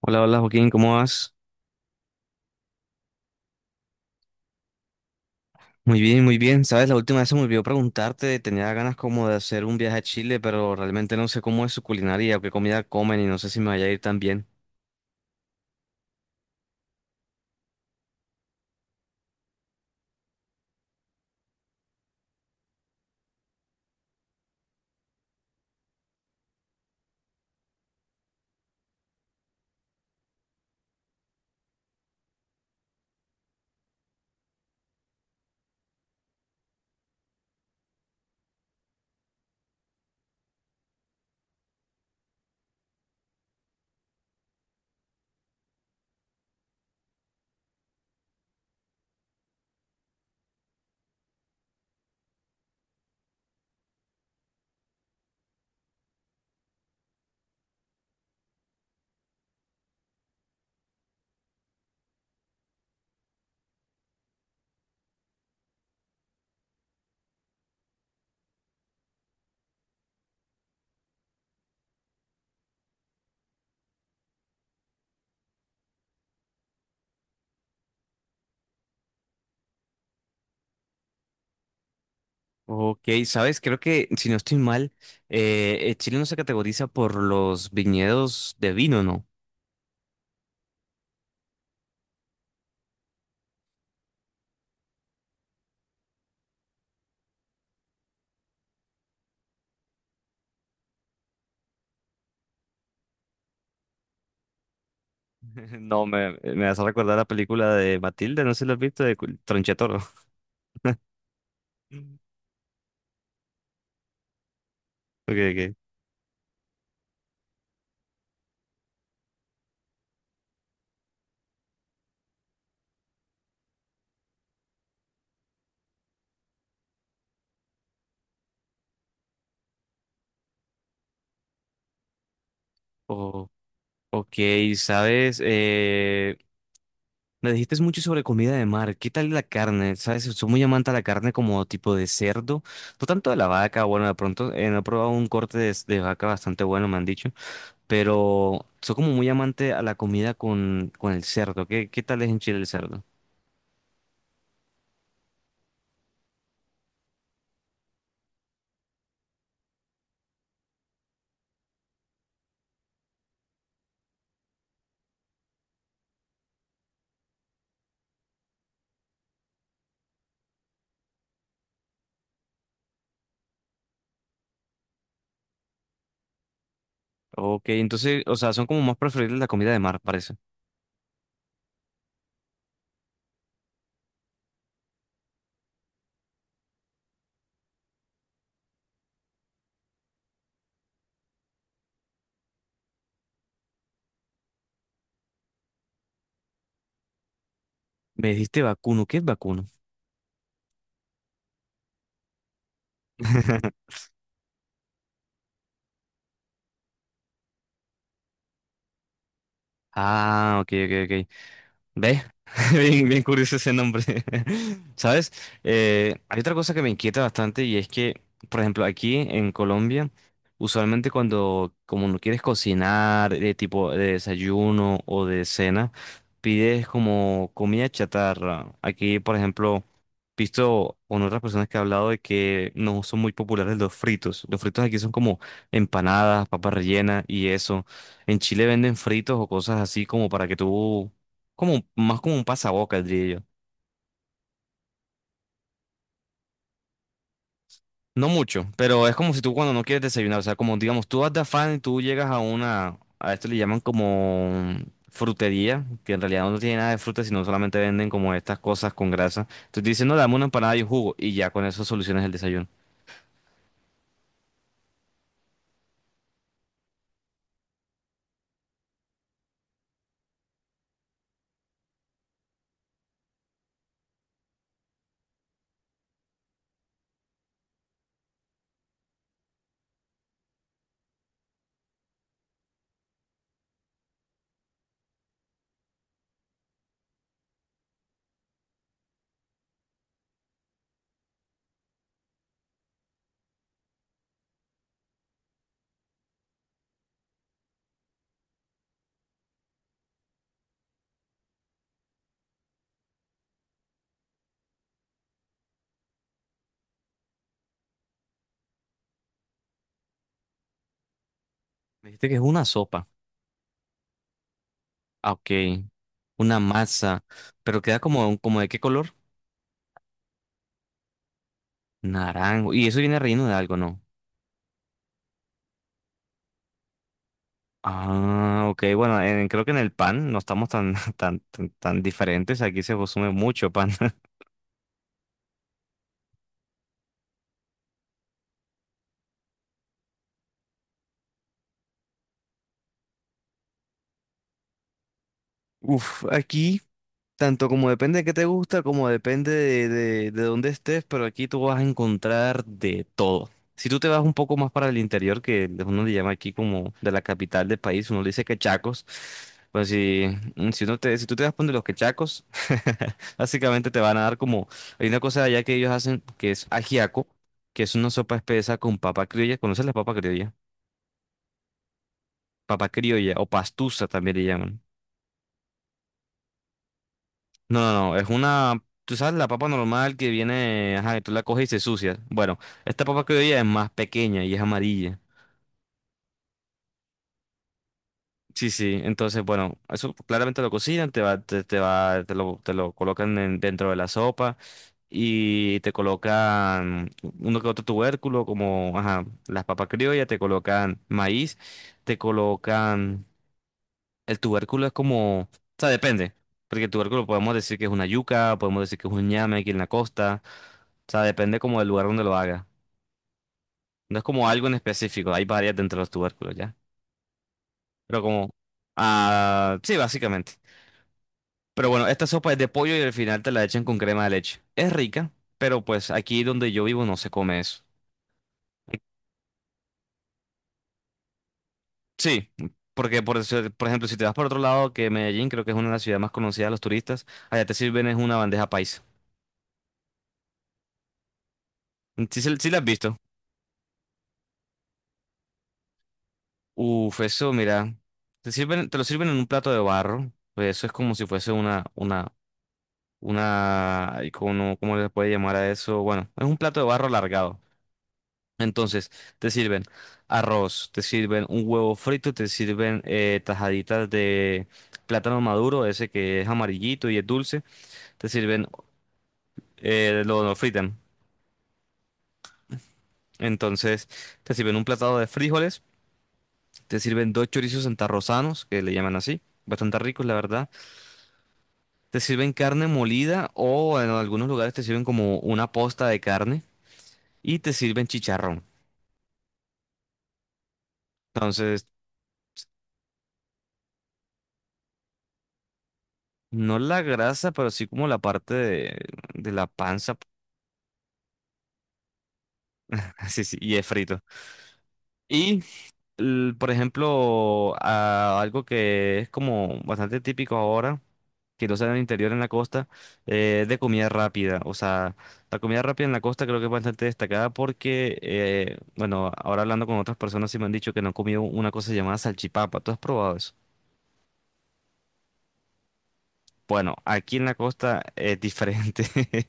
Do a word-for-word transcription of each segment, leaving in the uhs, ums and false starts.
Hola, hola Joaquín, ¿cómo vas? Muy bien, muy bien. Sabes, la última vez se me olvidó preguntarte, tenía ganas como de hacer un viaje a Chile, pero realmente no sé cómo es su culinaria o qué comida comen y no sé si me vaya a ir tan bien. Ok, sabes, creo que si no estoy mal, eh, eh, Chile no se categoriza por los viñedos de vino, ¿no? No, me, me vas a recordar la película de Matilde, no sé si lo has visto, de Cul- Tronchetoro. Ok, ok. O- ok, sabes, me dijiste mucho sobre comida de mar. ¿Qué tal la carne? ¿Sabes? Soy muy amante a la carne como tipo de cerdo. No tanto de la vaca. Bueno, de pronto eh, no he probado un corte de, de vaca bastante bueno, me han dicho. Pero soy como muy amante a la comida con, con el cerdo. ¿Qué, qué tal es en Chile el cerdo? Ok, entonces, o sea, son como más preferibles la comida de mar, parece. Me dijiste vacuno. ¿Qué es vacuno? Ah, ok, ok, ok. ¿Ves? Bien, bien curioso ese nombre. ¿Sabes? Eh, hay otra cosa que me inquieta bastante y es que, por ejemplo, aquí en Colombia, usualmente cuando como no quieres cocinar de tipo de desayuno o de cena, pides como comida chatarra. Aquí, por ejemplo, visto con otras personas que he hablado de que no son muy populares los fritos. Los fritos aquí son como empanadas, papas rellenas y eso. En Chile venden fritos o cosas así como para que tú como un- más como un pasabocas, diría yo. No mucho, pero es como si tú cuando no quieres desayunar, o sea, como digamos, tú vas de afán y tú llegas a una, a esto le llaman como frutería, que en realidad no tiene nada de fruta, sino solamente venden como estas cosas con grasa. Entonces dicen, no, dame una empanada y un jugo, y ya con eso solucionas el desayuno. Me dijiste que es una sopa. Ah, ok, una masa, pero queda como, ¿como de qué color? Naranjo. Y eso viene relleno de algo, ¿no? Ah, ok, bueno, en- creo que en el pan no estamos tan, tan, tan, tan diferentes, aquí se consume mucho pan. Uf, aquí tanto como depende de qué te gusta, como depende de, de, de dónde estés, pero aquí tú vas a encontrar de todo. Si tú te vas un poco más para el interior, que uno le llama aquí como de la capital del país, uno le dice quechacos, pues si, mm, si, uno te, si tú te vas por donde los quechacos, básicamente te van a dar como, hay una cosa allá que ellos hacen que es ajiaco, que es una sopa espesa con papa criolla, ¿conoces la papa criolla? Papa criolla o pastusa también le llaman. No, no, no, es una, tú sabes, la papa normal que viene, ajá, que tú la coges y se sucia. Bueno, esta papa que hoy es más pequeña y es amarilla. Sí, sí, entonces, bueno, eso claramente lo cocinan, te va, te, te va, te lo, te lo colocan en- dentro de la sopa y te colocan uno que otro tubérculo, como, ajá, las papas criollas, te colocan maíz, te colocan. El tubérculo es como, o sea, depende, porque el tubérculo podemos decir que es una yuca, podemos decir que es un ñame aquí en la costa, o sea, depende como del lugar donde lo haga. No es como algo en específico, hay varias dentro de los tubérculos ya, pero como, ah, sí, básicamente. Pero bueno, esta sopa es de pollo y al final te la echan con crema de leche. Es rica, pero pues aquí donde yo vivo no se come eso. Sí, porque por, eso- por ejemplo, si te vas por otro lado, que Medellín creo que es una de las ciudades más conocidas de los turistas, allá te sirven es una bandeja paisa. Sí, se- sí la has visto. Uf, eso, mira, te sirven, te lo sirven en un plato de barro. Pues eso es como si fuese una, una, una, ay, ¿cómo, no? ¿Cómo le puede llamar a eso? Bueno, es un plato de barro alargado. Entonces, te sirven arroz, te sirven un huevo frito, te sirven eh, tajaditas de plátano maduro, ese que es amarillito y es dulce, te sirven, eh, lo, lo fritan. Entonces, te sirven un platado de frijoles, te sirven dos chorizos santarrosanos, que le llaman así, bastante ricos, la verdad. Te sirven carne molida o en algunos lugares te sirven como una posta de carne y te sirven chicharrón. Entonces, no la grasa, pero sí como la parte de, de la panza. Sí, sí, y es frito. Y, l- por ejemplo, a- algo que es como bastante típico ahora, que lo usan en el interior, en la costa, eh, de comida rápida. O sea, la comida rápida en la costa creo que es bastante destacada porque, eh, bueno, ahora hablando con otras personas sí me han dicho que no han comido una cosa llamada salchipapa. ¿Tú has probado eso? Bueno, aquí en la costa es diferente.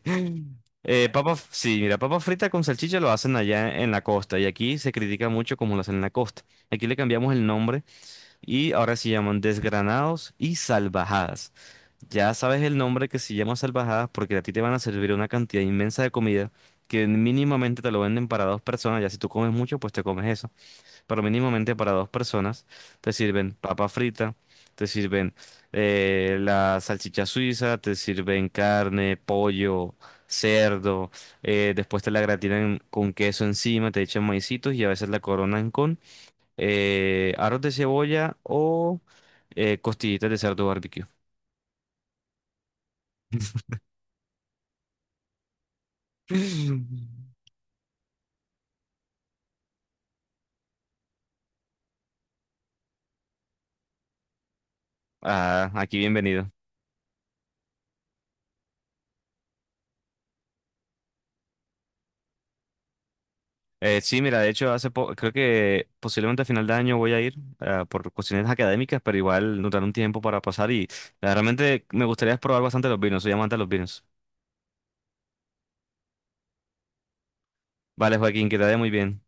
Eh, papa, sí, mira, papa frita con salchicha lo hacen allá en la costa y aquí se critica mucho como lo hacen en la costa. Aquí le cambiamos el nombre y ahora se llaman desgranados y salvajadas. Ya sabes el nombre que se llama salvajadas porque a ti te van a servir una cantidad inmensa de comida que mínimamente te lo venden para dos personas. Ya si tú comes mucho, pues te comes eso. Pero mínimamente para dos personas te sirven papa frita, te sirven eh, la salchicha suiza, te sirven carne, pollo, cerdo. Eh, después te la gratinan con queso encima, te echan maicitos y a veces la coronan con eh, arroz de cebolla o eh, costillitas de cerdo barbecue. Ah, aquí bienvenido. Eh, sí, mira, de hecho, hace po- creo que posiblemente a final de año voy a ir ah, por cuestiones académicas, pero igual nos dará un tiempo para pasar y ah, realmente me gustaría probar bastante los vinos, soy amante de los vinos. Vale, Joaquín, que te vaya muy bien.